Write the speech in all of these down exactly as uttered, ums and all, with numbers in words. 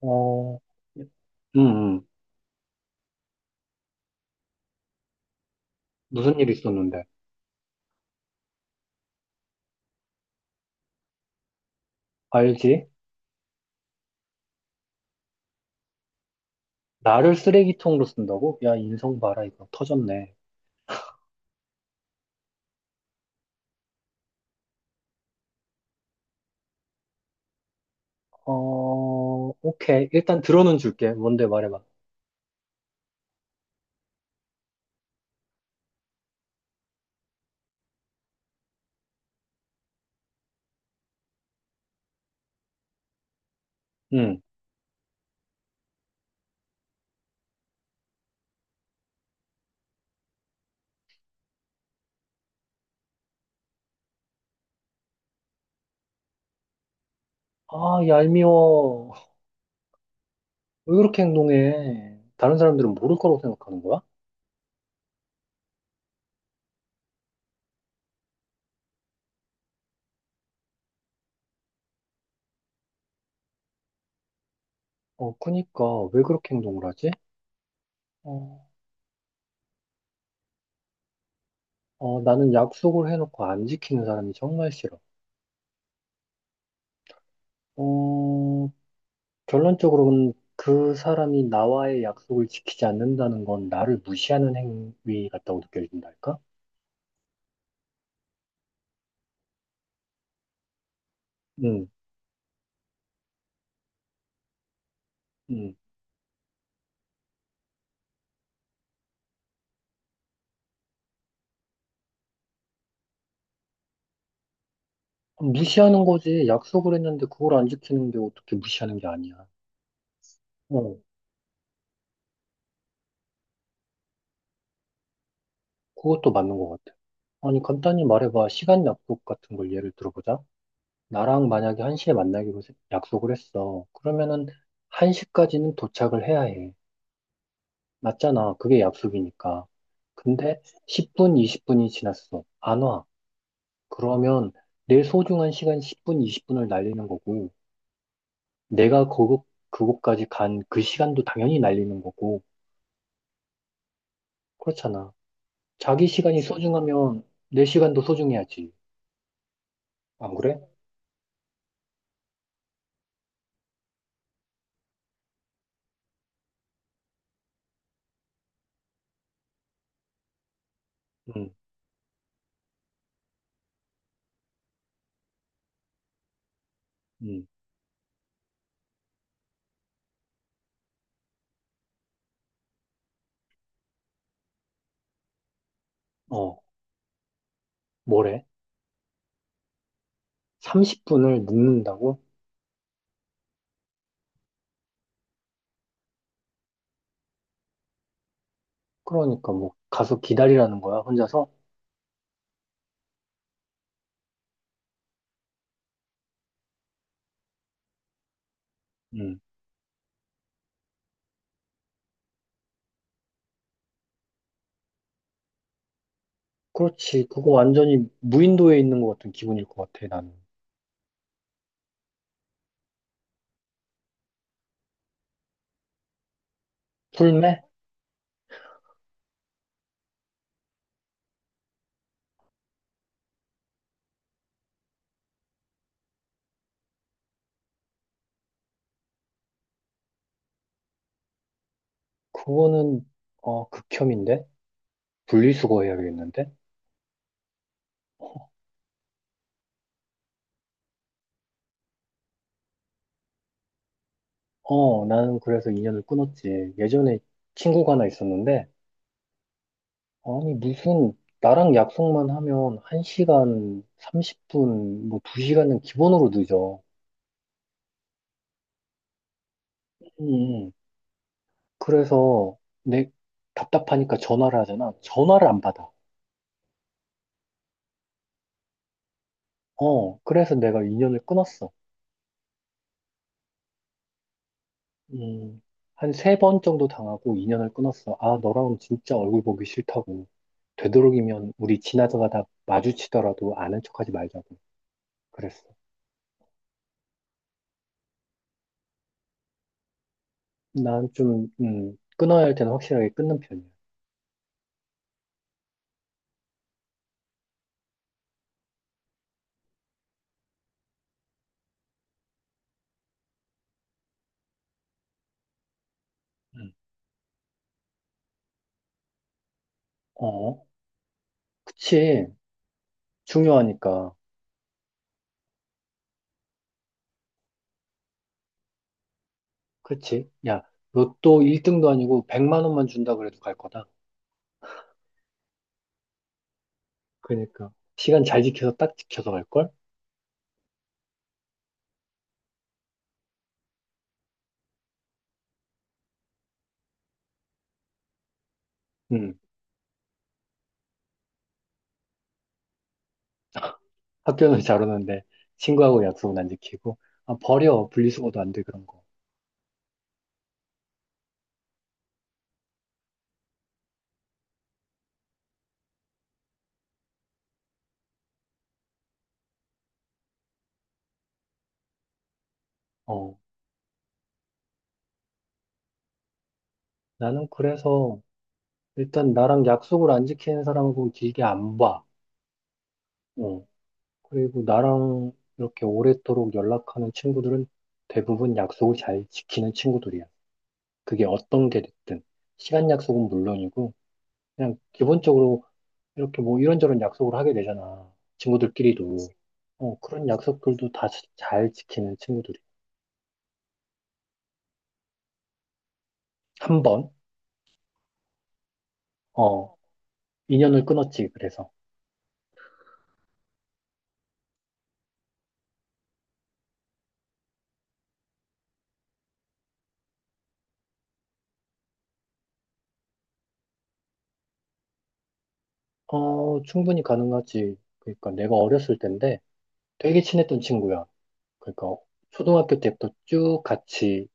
어, 음, 음. 무슨 일 있었는데? 알지? 나를 쓰레기통으로 쓴다고? 야, 인성 봐라, 이거. 터졌네. 어, 오케이. 일단 들어는 줄게. 뭔데 말해봐. 응. 아, 얄미워. 왜 그렇게 행동해? 다른 사람들은 모를 거라고 생각하는 거야? 어, 그니까, 왜 그렇게 행동을 하지? 어, 어, 나는 약속을 해놓고 안 지키는 사람이 정말 싫어. 어, 결론적으로는 그 사람이 나와의 약속을 지키지 않는다는 건 나를 무시하는 행위 같다고 느껴진달까? 응, 응. 무시하는 거지. 약속을 했는데 그걸 안 지키는 게 어떻게 무시하는 게 아니야. 어, 그것도 맞는 것 같아. 아니, 간단히 말해봐. 시간 약속 같은 걸 예를 들어보자. 나랑 만약에 한 시에 만나기로 세- 약속을 했어. 그러면은 한 시까지는 도착을 해야 해. 맞잖아. 그게 약속이니까. 근데 십 분, 이십 분이 지났어. 안 와. 그러면 내 소중한 시간 십 분, 이십 분을 날리는 거고, 내가 그곳, 그곳까지 간 그 시간도 당연히 날리는 거고, 그렇잖아. 자기 시간이 소중하면 내 시간도 소중해야지. 안 그래? 응, 응. 어, 뭐래? 삼십 분을 묵는다고. 그러니까 뭐, 가서 기다리라는 거야, 혼자서? 응. 그렇지. 그거 완전히 무인도에 있는 것 같은 기분일 것 같아, 나는. 풀매. 그거는, 어, 극혐인데? 분리수거 해야겠는데? 어, 나는 그래서 인연을 끊었지. 예전에 친구가 하나 있었는데, 아니, 무슨, 나랑 약속만 하면 한 시간 삼십 분, 뭐 두 시간은 기본으로 늦어. 음, 그래서 내 답답하니까 전화를 하잖아. 전화를 안 받아. 어, 그래서 내가 인연을 끊었어. 음, 한 세 번 정도 당하고 인연을 끊었어. 아, 너랑 진짜 얼굴 보기 싫다고. 되도록이면 우리 지나가다 마주치더라도 아는 척하지 말자고. 그랬어. 난 좀, 음, 끊어야 할 때는 확실하게 끊는 편이야. 음. 어, 그치. 중요하니까. 그치. 야, 로또 일 등도 아니고 백만 원만 준다 그래도 갈 거다. 그러니까. 시간 잘 지켜서 딱 지켜서 갈걸? 음, 학교는 잘 오는데 친구하고 약속은 안 지키고. 아, 버려. 분리수거도 안 돼, 그런 거. 어, 나는 그래서 일단 나랑 약속을 안 지키는 사람하고 길게 안 봐. 어. 그리고 나랑 이렇게 오래도록 연락하는 친구들은 대부분 약속을 잘 지키는 친구들이야. 그게 어떤 게 됐든. 시간 약속은 물론이고, 그냥 기본적으로 이렇게 뭐 이런저런 약속을 하게 되잖아. 친구들끼리도. 그치. 어, 그런 약속들도 다 잘 지키는 친구들이. 한 번, 어, 인연을 끊었지. 그래서. 어, 충분히 가능하지. 그러니까 내가 어렸을 때인데 되게 친했던 친구야. 그러니까 초등학교 때부터 쭉 같이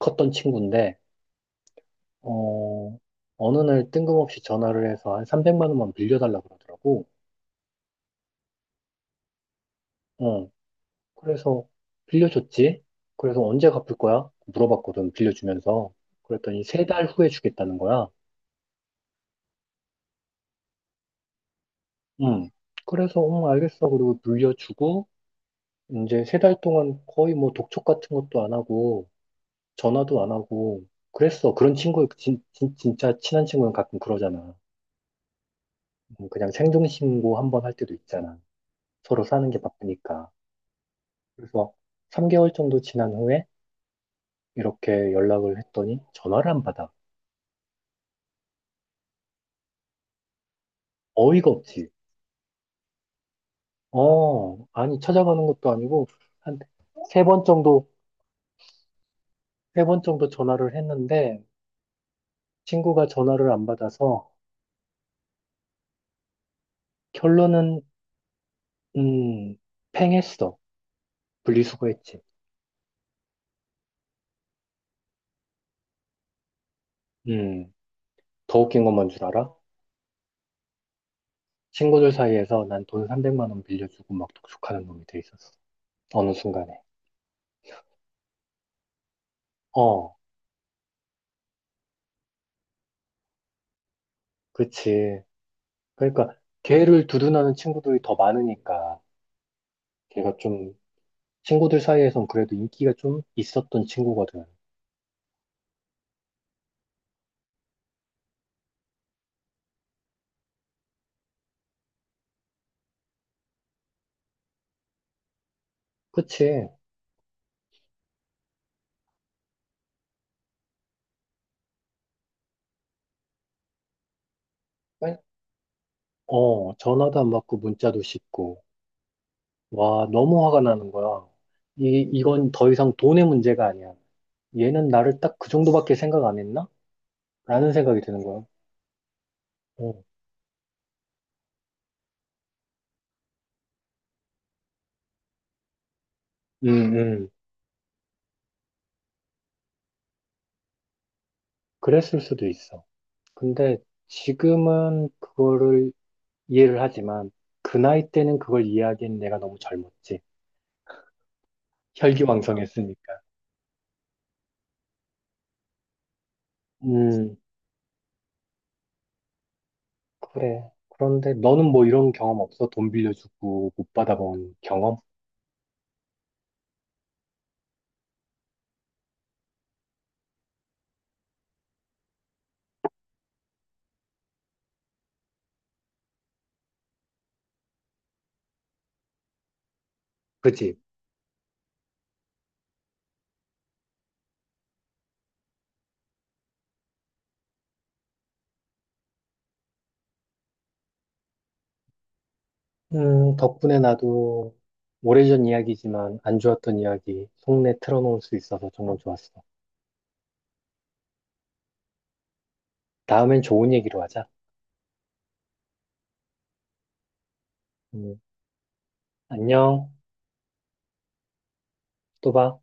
컸던 친구인데, 어, 어느 날 뜬금없이 전화를 해서 한 삼백만 원만 빌려달라 그러더라고. 어, 그래서 빌려줬지. 그래서 언제 갚을 거야? 물어봤거든, 빌려주면서. 그랬더니 세 달 후에 주겠다는 거야. 응. 그래서, 응, 알겠어. 그리고 빌려주고, 이제 세 달 동안 거의 뭐 독촉 같은 것도 안 하고, 전화도 안 하고, 그랬어. 그런 친구, 진, 진, 진짜 친한 친구는 가끔 그러잖아. 음, 그냥 생존신고 한번 할 때도 있잖아. 서로 사는 게 바쁘니까. 그래서 삼 개월 정도 지난 후에 이렇게 연락을 했더니 전화를 안 받아. 어이가 없지. 어, 아니, 찾아가는 것도 아니고, 한 세 번 정도, 세 번 정도 전화를 했는데, 친구가 전화를 안 받아서, 결론은, 음, 팽했어. 분리수거했지. 음, 더 웃긴 건 뭔 줄 알아? 친구들 사이에서 난 돈 삼백만 원 빌려주고 막 독촉하는 놈이 돼 있었어. 어느 순간에. 어, 그치. 그러니까, 걔를 두둔하는 친구들이 더 많으니까. 걔가 좀 친구들 사이에선 그래도 인기가 좀 있었던 친구거든. 그치? 아니, 어, 전화도 안 받고 문자도 씹고. 와, 너무 화가 나는 거야. 이, 이건 더 이상 돈의 문제가 아니야. 얘는 나를 딱 그 정도밖에 생각 안 했나? 라는 생각이 드는 거야. 어. 음, 음. 그랬을 수도 있어. 근데 지금은 그거를 이해를 하지만 그 나이 때는 그걸 이해하기엔 내가 너무 젊었지. 혈기왕성했으니까. 음, 그래. 그런데 너는 뭐 이런 경험 없어? 돈 빌려주고 못 받아본 경험? 그지? 음, 덕분에 나도 오래전 이야기지만 안 좋았던 이야기 속내 틀어놓을 수 있어서 정말 좋았어. 다음엔 좋은 얘기로 하자. 음, 안녕. 또 봐.